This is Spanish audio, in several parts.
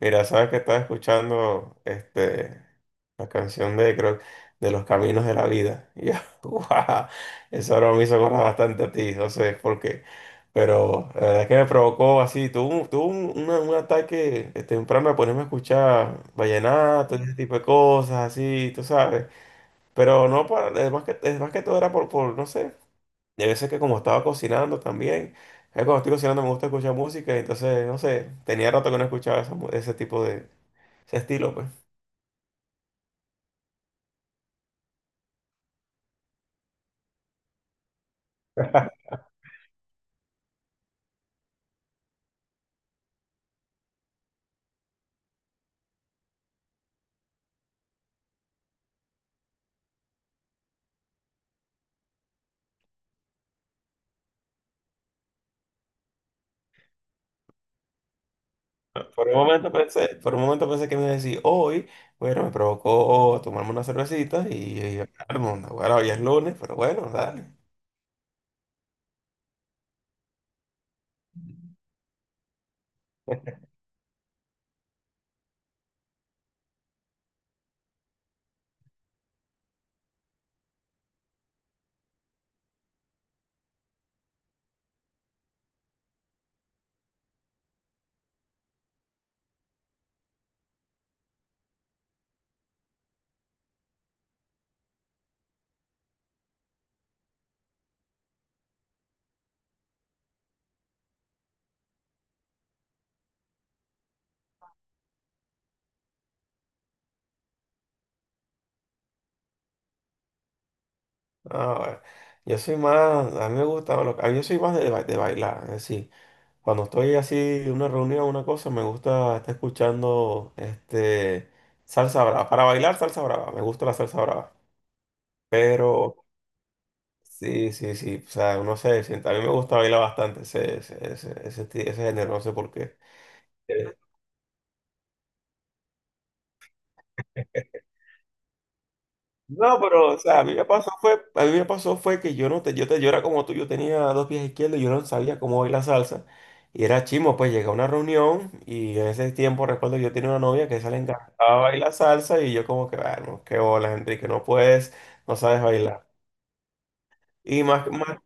Mira, sabes que estaba escuchando la canción de, creo, de Los Caminos de la Vida. Y ya, guau, eso ahora me hizo acordar bastante a ti, no sé por qué. Pero la verdad es que me provocó así, un ataque temprano a ponerme a escuchar vallenato, ese tipo de cosas, así, tú sabes. Pero no para, es más que todo era por, no sé, de veces que como estaba cocinando también. Cuando estoy cocinando me gusta escuchar música, entonces, no sé, tenía rato que no escuchaba ese tipo de, ese estilo, pues. Por un momento pensé, por un momento pensé que me iba a decir, hoy, bueno, me provocó tomarme una cervecita y el mundo. Bueno, hoy es lunes, pero bueno, dale. No, bueno. Yo soy más, a mí me gusta, lo- a mí yo soy más de, de bailar, es decir, cuando estoy así en una reunión o una cosa, me gusta estar escuchando salsa brava. Para bailar, salsa brava, me gusta la salsa brava. Pero sí, sí, sí, o sea, no sé, a mí me gusta bailar bastante ese género, no sé por qué. No, pero, o sea, a mí me pasó fue que yo no te, yo te, yo era como tú, yo tenía dos pies izquierdos, yo no sabía cómo bailar salsa. Y era chimo, pues llegué a una reunión y en ese tiempo recuerdo yo tenía una novia que se le encantaba bailar salsa y yo como que, bueno, qué bolas, Enrique, no puedes, no sabes bailar. Y más, más,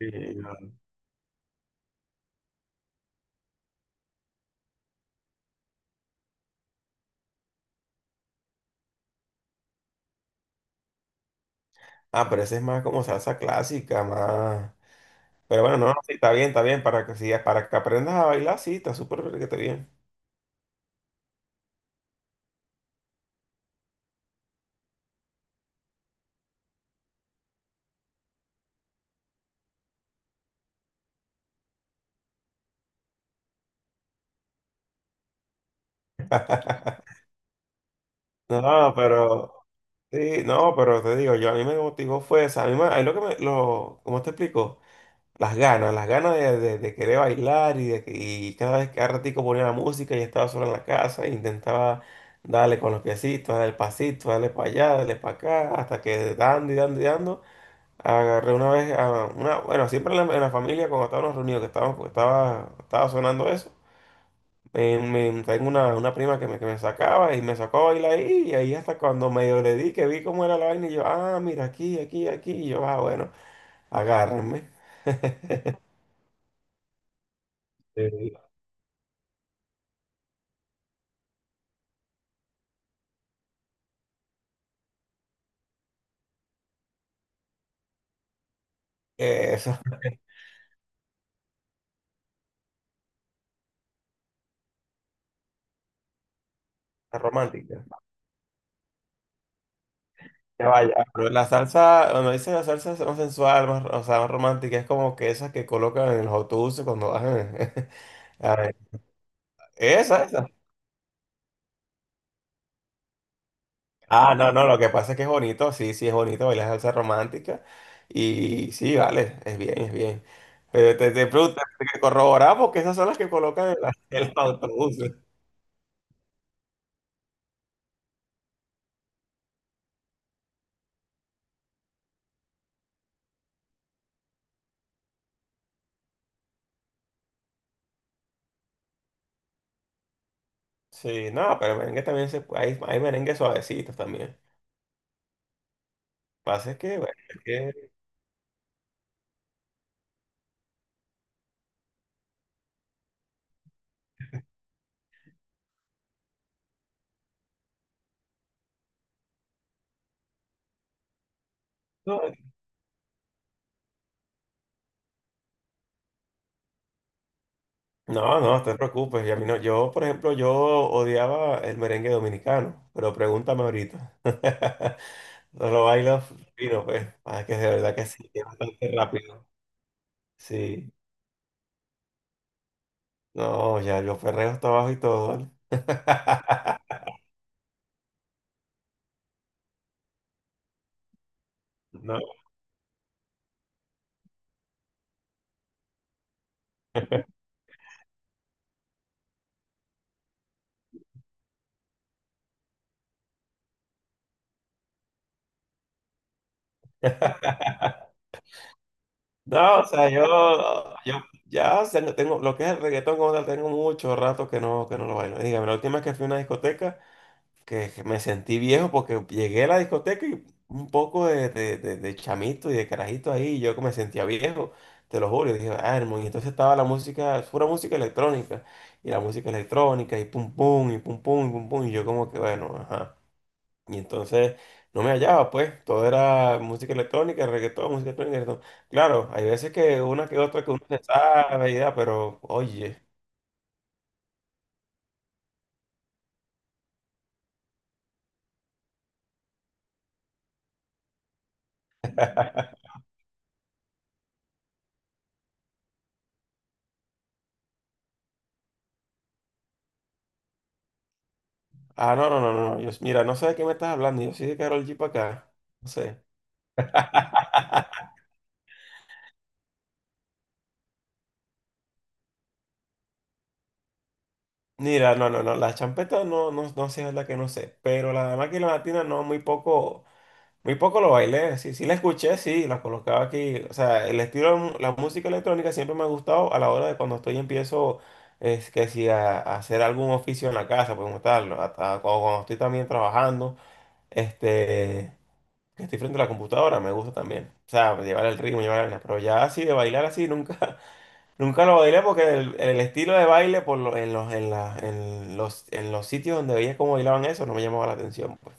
y, ah, pero ese es más como salsa clásica, más. Pero bueno, no, no, sí, está bien, para que sigas, para que aprendas a bailar, sí, está súper que está bien. No, pero. Sí, no, pero te digo, yo a mí me motivó fue esa, a mí lo que ¿cómo te explico? Las ganas, las ganas de querer bailar y, y cada vez que ratico ponía la música y estaba solo en la casa e intentaba darle con los piecitos, darle el pasito, darle para allá, darle para acá, hasta que dando y dando y dando, agarré una vez, a una, bueno, siempre en la familia cuando estábamos reunidos, estaba sonando eso. Tengo una prima que me sacaba y me sacó a bailar ahí, y ahí hasta cuando medio le di, que vi cómo era la vaina, y yo, ah, mira, aquí, y yo, ah, bueno, agárrenme. Eh, Eso, es romántica. Ya vaya, pero la salsa, cuando dice la salsa más sensual, más, o sea, más romántica, es como que esas que colocan en los autobuses cuando bajan. A ver, esa, esa. Ah, no, no, lo que pasa es que es bonito, sí, sí, es bonito bailar salsa romántica. Y sí, vale, es bien, es bien. Pero te pregunto, te corroborar porque esas son las que colocan en los autobuses. Sí, no, pero merengue también se puede, hay merengue suavecitos también. Pasa es que, bueno, no, no, no, no te preocupes. Y a mí no, yo, por ejemplo, yo odiaba el merengue dominicano, pero pregúntame ahorita. No lo bailo fino, pues, ah, es que de verdad que sí, que es bastante rápido. Sí. No, ya yo Ferreo está abajo y todo, ¿vale? No, no, o sea, yo tengo, lo que es el reggaetón como tal, tengo mucho rato que que no lo bailo. Dígame, la última vez que fui a una discoteca, que me sentí viejo porque llegué a la discoteca y un poco de, de chamito y de carajito ahí, y yo que me sentía viejo, te lo juro, y dije, ah, hermano, y entonces estaba la música, pura música electrónica, y la música electrónica, y pum pum, y pum pum, y pum pum, y yo como que, bueno, ajá. Y entonces no me hallaba, pues, todo era música electrónica, reggaetón, música electrónica, reggaetón. Claro, hay veces que una que otra que uno se sabe, y da, pero oye, ah, yo, mira, no sé de qué me estás hablando, yo soy de Karol G para acá, no sé. Mira, no, no, no, la champeta no, no, no sé, es la que no sé, pero la máquina latina no, muy poco. Muy poco lo bailé, sí, sí la escuché, sí, la colocaba aquí. O sea, el estilo, de mu- la música electrónica siempre me ha gustado a la hora de cuando estoy empiezo, es que si a, a hacer algún oficio en la casa, pues como tal, o cuando estoy también trabajando, este, que estoy frente a la computadora, me gusta también. O sea, llevar el ritmo, llevar el... Pero ya así de bailar así, nunca, nunca lo bailé porque el estilo de baile en los, en la- en los sitios donde veía cómo bailaban, eso no me llamaba la atención, pues.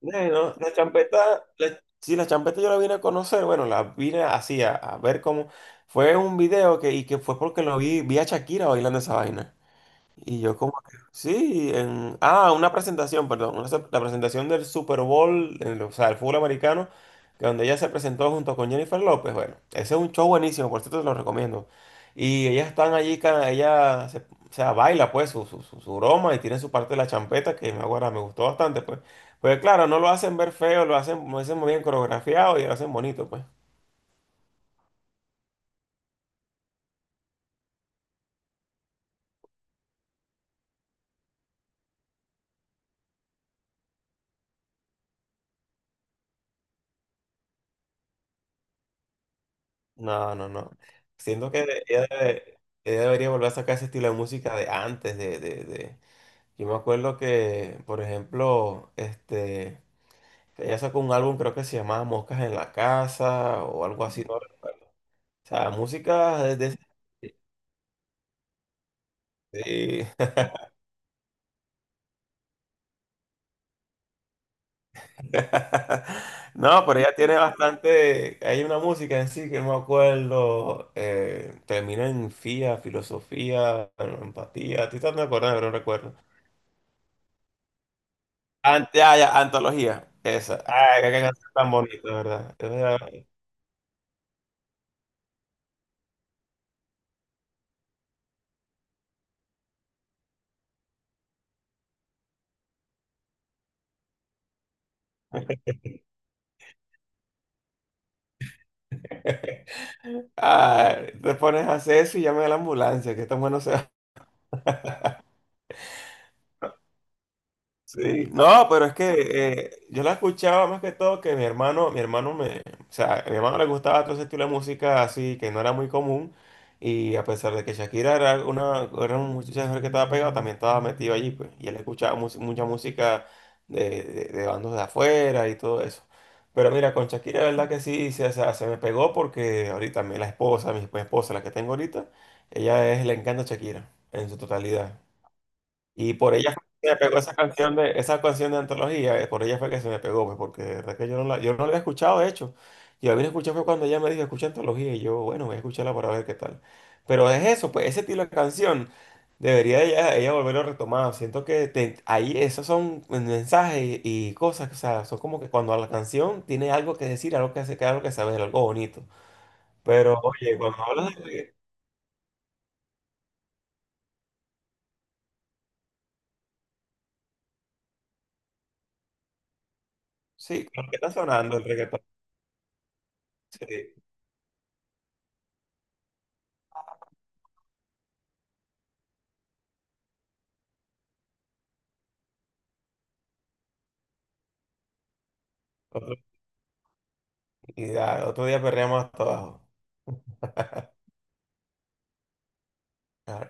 Bueno, la champeta, sí, la champeta yo la vine a conocer, bueno, la vine así a ver cómo fue un video que fue porque lo vi, vi a Shakira bailando esa vaina. Y yo como que, sí, en, ah, una presentación, perdón, la presentación del Super Bowl, o sea, el fútbol americano, que donde ella se presentó junto con Jennifer López. Bueno, ese es un show buenísimo, por cierto, te lo recomiendo. Y ellas están allí, o sea, baila pues su broma y tiene su parte de la champeta, que acuerdo, me gustó bastante, pues. Pues claro, no lo hacen ver feo, lo hacen muy bien coreografiado y lo hacen bonito, pues. No, no, no. Siento que ella, debe- ella debería volver a sacar ese estilo de música de antes, yo me acuerdo que, por ejemplo, ella sacó un álbum, creo que se llamaba Moscas en la Casa o algo así, no recuerdo. O sea, música de... sí. No, pero ella tiene bastante... Hay una música en sí que no me acuerdo. Termina en fía, filosofía, en empatía. A ti también me acuerdas, pero no recuerdo. Ante, ah, ya, antología, esa. Ay, qué canción tan bonita, ¿verdad? Es verdad. Ay, te pones a hacer eso y llame a la ambulancia, que tan bueno se. Sí, no, pero es que yo la escuchaba más que todo que mi hermano, o sea, a mi hermano le gustaba todo ese estilo de música así que no era muy común, y a pesar de que Shakira era una muchacha que estaba pegada, también estaba metido allí, pues, y él escuchaba mucha música de, de bandos de afuera y todo eso. Pero mira, con Shakira, la verdad que sí, o sea, se me pegó porque ahorita la esposa, mi esposa, la que tengo ahorita, le encanta Shakira en su totalidad. Y por ella fue que me pegó esa canción de antología, por ella fue que se me pegó, pues, porque de verdad que yo no la había escuchado, de hecho. Yo la vine a escuchar fue cuando ella me dijo, escucha antología, y yo, bueno, voy a escucharla para ver qué tal. Pero es eso, pues, ese estilo de canción, debería ella volverlo a retomar. Siento que ahí esos son mensajes y cosas, o sea, son como que cuando la canción tiene algo que decir, algo que hace, algo que saber, algo bonito. Pero, oye, cuando hablas de reggaetón, sí, con lo que está sonando el reggaetón, sí. Y ya, otro día perreamos hasta abajo. Ah,